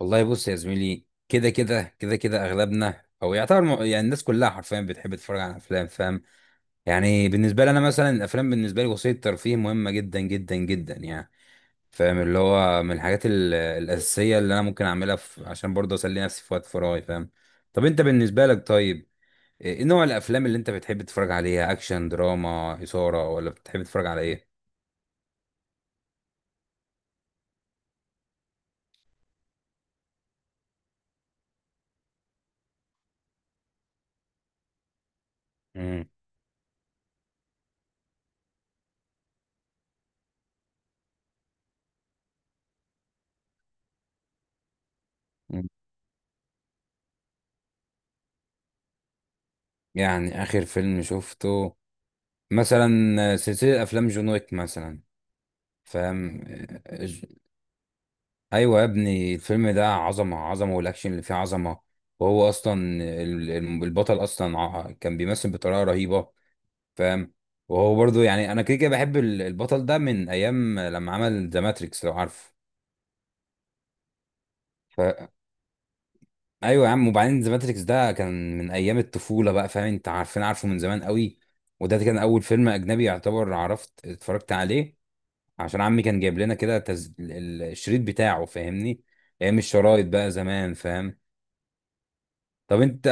والله بص يا زميلي، كده كده اغلبنا او يعتبر يعني الناس كلها حرفيا بتحب تتفرج على افلام. فاهم؟ يعني بالنسبه لي انا مثلا الافلام بالنسبه لي وسيله ترفيه مهمه جدا جدا جدا يعني. فاهم؟ اللي هو من الحاجات الاساسيه اللي انا ممكن اعملها في عشان برضه اسلي نفسي في وقت فراغي. فاهم؟ طب انت بالنسبه لك؟ طيب إيه نوع الافلام اللي انت بتحب تتفرج عليها؟ اكشن، دراما، اثاره، ولا بتحب تتفرج على ايه؟ مم. يعني اخر فيلم شفته مثلا سلسله افلام جون ويك مثلا. فاهم؟ ج- ايوه يا ابني، الفيلم ده عظمه عظمه، والاكشن اللي فيه عظمه. وهو اصلا البطل اصلا كان بيمثل بطريقه رهيبه. فاهم؟ وهو برضو يعني انا كده كده بحب البطل ده من ايام لما عمل ذا ماتريكس، لو عارف. ف... ايوه يا عم، وبعدين ذا ماتريكس ده كان من ايام الطفوله بقى. فاهم؟ انت عارفه من زمان قوي. وده كان اول فيلم اجنبي يعتبر عرفت اتفرجت عليه. عشان عمي كان جايب لنا كده الشريط بتاعه. فاهمني؟ ايام الشرايط بقى زمان. فاهم؟ طب انت.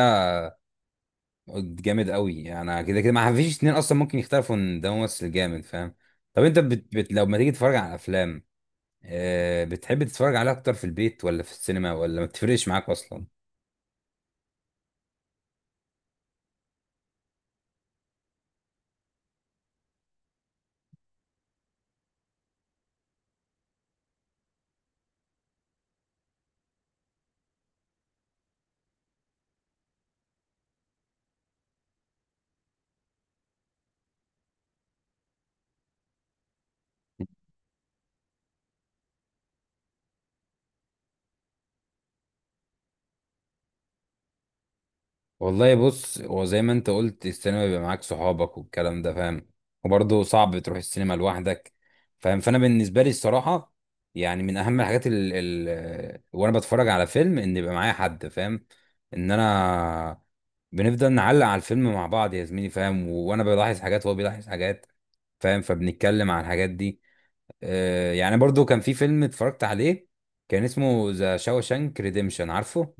جامد قوي. انا كده كده ما فيش اتنين اصلا ممكن يختلفوا ان ده ممثل جامد. فاهم؟ طب انت لو ما تيجي تتفرج على افلام، بتحب تتفرج عليها اكتر في البيت ولا في السينما، ولا ما بتفرقش معاك اصلا؟ والله بص، هو زي ما انت قلت، السينما بيبقى معاك صحابك والكلام ده. فاهم؟ وبرضه صعب تروح السينما لوحدك. فاهم؟ فانا بالنسبه لي الصراحه، يعني من اهم الحاجات ال ال وانا بتفرج على فيلم ان يبقى معايا حد. فاهم؟ ان انا بنفضل نعلق على الفيلم مع بعض يا زميلي. فاهم؟ وانا بلاحظ حاجات وهو بيلاحظ حاجات. فاهم؟ فبنتكلم عن الحاجات دي. آه، يعني برضه كان في فيلم اتفرجت عليه، كان اسمه ذا شاوشانك ريديمشن، عارفه؟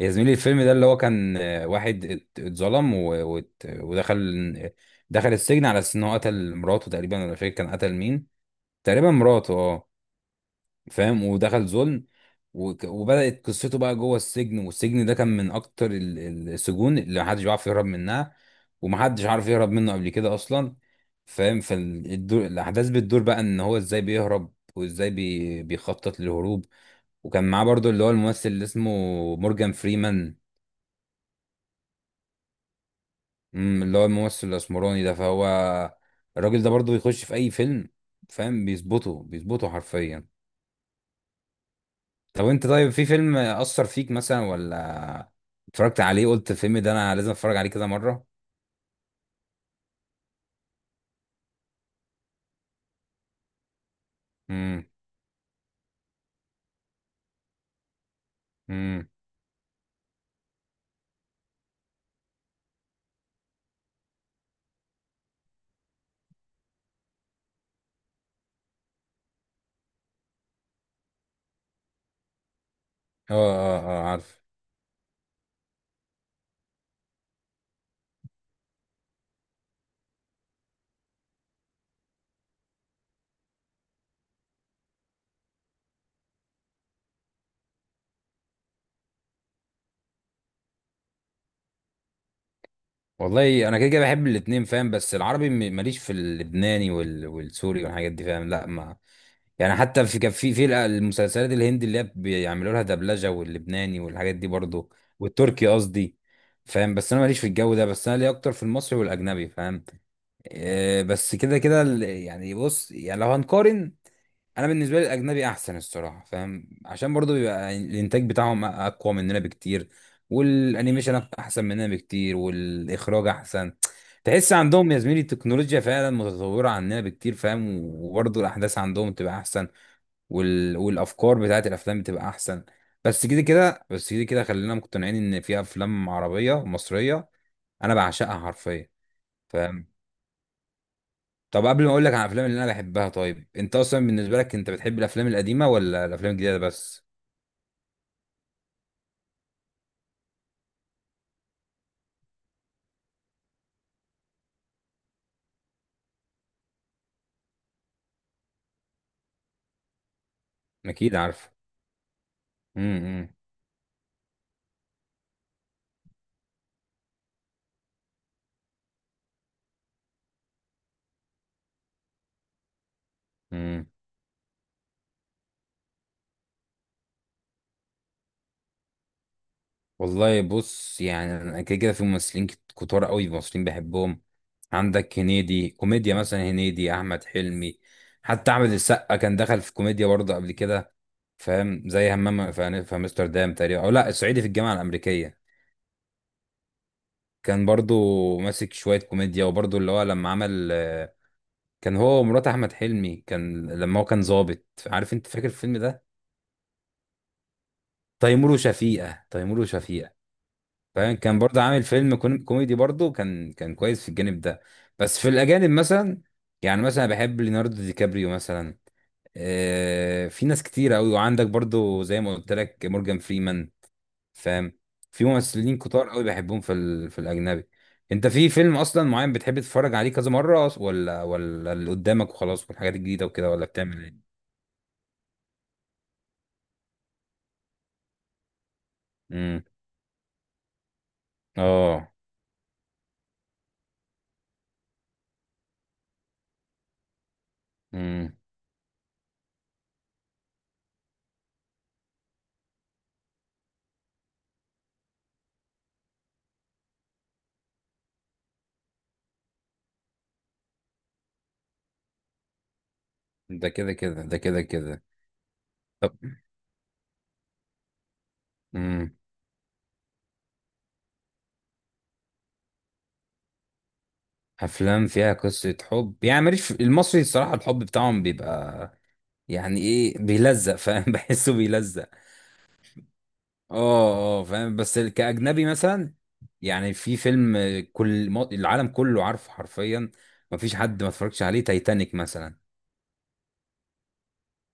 يا زميلي الفيلم ده اللي هو كان، واحد اتظلم دخل السجن على اساس ان هو قتل مراته تقريبا، ولا مش فاكر كان قتل مين. تقريبا مراته اه. فاهم؟ ودخل ظلم. وبدأت قصته بقى جوه السجن، والسجن ده كان من اكتر السجون اللي محدش بيعرف يهرب منها. ومحدش عارف يهرب منه قبل كده اصلا. فاهم؟ فالاحداث بتدور بقى ان هو ازاي بيهرب، وازاي بيخطط للهروب. وكان معاه برضو اللي هو الممثل اللي اسمه مورجان فريمان. اللي هو الممثل الاسمراني ده، فهو الراجل ده برضه بيخش في اي فيلم. فاهم؟ بيظبطه بيظبطه حرفيا. طب انت طيب، في فيلم اثر فيك مثلا، ولا اتفرجت عليه قلت الفيلم ده انا لازم اتفرج عليه كذا مره؟ امم. امم. اه اه اه، عارف. والله انا كده كده بحب الاتنين. فاهم؟ بس العربي ماليش في اللبناني والسوري والحاجات دي. فاهم؟ لا ما. يعني حتى في كان في المسلسلات الهندي اللي هي بيعملوا لها دبلجه، واللبناني والحاجات دي برضو. والتركي قصدي. فاهم؟ بس انا ماليش في الجو ده، بس انا ليا اكتر في المصري والاجنبي. فاهم؟ آه، بس كده كده يعني بص، يعني لو هنقارن، انا بالنسبه لي الاجنبي احسن الصراحه. فاهم؟ عشان برضو بيبقى الانتاج بتاعهم اقوى مننا بكتير. والانيميشن احسن مننا بكتير، والاخراج احسن. تحس عندهم يا زميلي التكنولوجيا فعلا متطوره عننا بكتير. فاهم؟ وبرضو الاحداث عندهم تبقى احسن. والافكار بتاعت الافلام بتبقى احسن. بس كده كده، خلينا مقتنعين ان في افلام عربيه مصريه انا بعشقها حرفيا. فاهم؟ طب قبل ما اقول لك عن الافلام اللي انا بحبها، طيب انت اصلا بالنسبه لك، انت بتحب الافلام القديمه ولا الافلام الجديده بس؟ اكيد عارف. امم. إمم. إمم. والله بص، يعني انا كده كده في ممثلين كتار قوي، ممثلين بحبهم. عندك هنيدي كوميديا مثلا، هنيدي، احمد حلمي. حتى احمد السقا كان دخل في كوميديا برضه قبل كده. فاهم؟ زي همام في امستردام تقريبا، او لا، الصعيدي في الجامعه الامريكيه. كان برضه ماسك شويه كوميديا. وبرضه اللي هو لما عمل، كان هو ومرات احمد حلمي، كان لما هو كان ظابط، عارف انت فاكر الفيلم ده؟ تيمور وشفيقه، تيمور وشفيقه. فاهم؟ كان برضه عامل فيلم كوميدي برضه، كان كويس في الجانب ده. بس في الأجانب مثلا، يعني مثلا بحب ليوناردو دي كابريو مثلا. آه، في ناس كتير أوي، وعندك برضه زي ما قلت لك مورجان فريمان. فاهم؟ في ممثلين كتار أوي بحبهم في في الأجنبي. أنت في فيلم أصلا معين بتحب تتفرج عليه كذا مرة، ولا اللي قدامك وخلاص والحاجات الجديدة وكده، ولا بتعمل إيه؟ امم. اه. امم. ده كده كده. طب. مم. افلام فيها قصه حب؟ يعني ماليش في المصري الصراحه، الحب بتاعهم بيبقى يعني ايه بيلزق. فاهم؟ بحسه بيلزق. اه اه، فاهم. بس كاجنبي مثلا، يعني في فيلم كل العالم كله عارفه حرفيا، مفيش حد ما اتفرجش عليه: تايتانيك مثلا.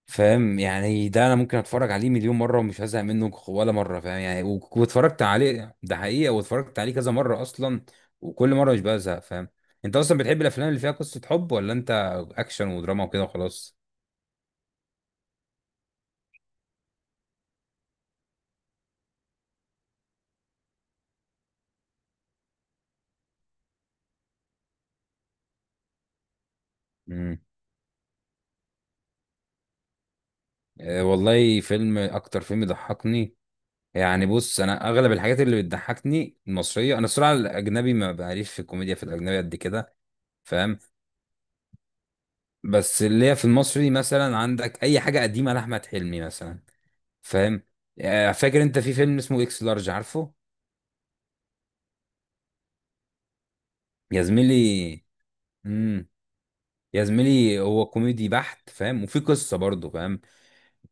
فاهم؟ يعني ده انا ممكن اتفرج عليه مليون مره ومش هزهق منه ولا مره. فاهم؟ يعني واتفرجت عليه ده حقيقه، واتفرجت عليه كذا مره اصلا. وكل مره مش بزهق. فاهم؟ انت اصلا بتحب الافلام اللي فيها قصه حب، ولا انت اكشن ودراما وكده وخلاص؟ امم. أه والله فيلم، اكتر فيلم ضحكني، يعني بص انا اغلب الحاجات اللي بتضحكني المصريه. انا الصراحه الاجنبي ما بعرفش في الكوميديا في الاجنبي قد كده. فاهم؟ بس اللي هي في المصري مثلا عندك اي حاجه قديمه لاحمد حلمي مثلا. فاهم؟ آه، فاكر انت في فيلم اسمه اكس لارج، عارفه؟ يا زميلي، امم يا زميلي هو كوميدي بحت. فاهم؟ وفي قصه برضه. فاهم؟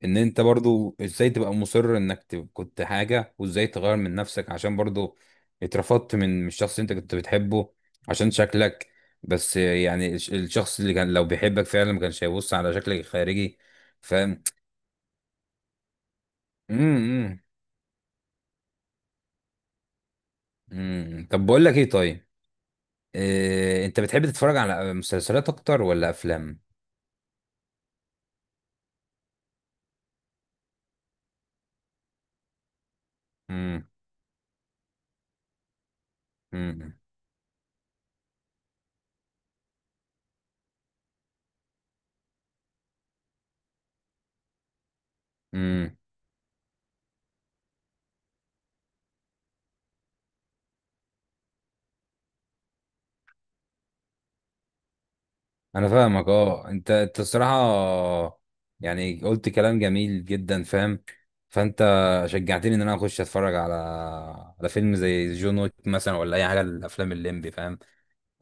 ان انت برضه ازاي تبقى مصر انك كنت حاجه، وازاي تغير من نفسك، عشان برضه اترفضت من الشخص اللي انت كنت بتحبه عشان شكلك. بس يعني الشخص اللي كان لو بيحبك فعلا ما كانش هيبص على شكلك الخارجي. فاهم؟ امم. امم. طب بقول لك ايه، طيب، انت بتحب تتفرج على مسلسلات اكتر ولا افلام؟ امم. امم. امم. انا فاهمك. اه، انت الصراحه يعني قلت كلام جميل جدا. فاهم؟ فانت شجعتني ان انا اخش اتفرج على فيلم زي جون ويك مثلا، ولا اي حاجه، الافلام الليمبي. فاهم؟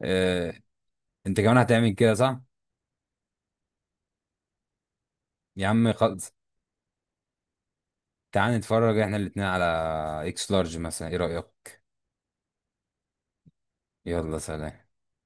اه. انت كمان هتعمل كده، صح؟ يا عم خلاص، تعال نتفرج احنا الاتنين على اكس لارج مثلا، ايه رايك؟ يلا سلام.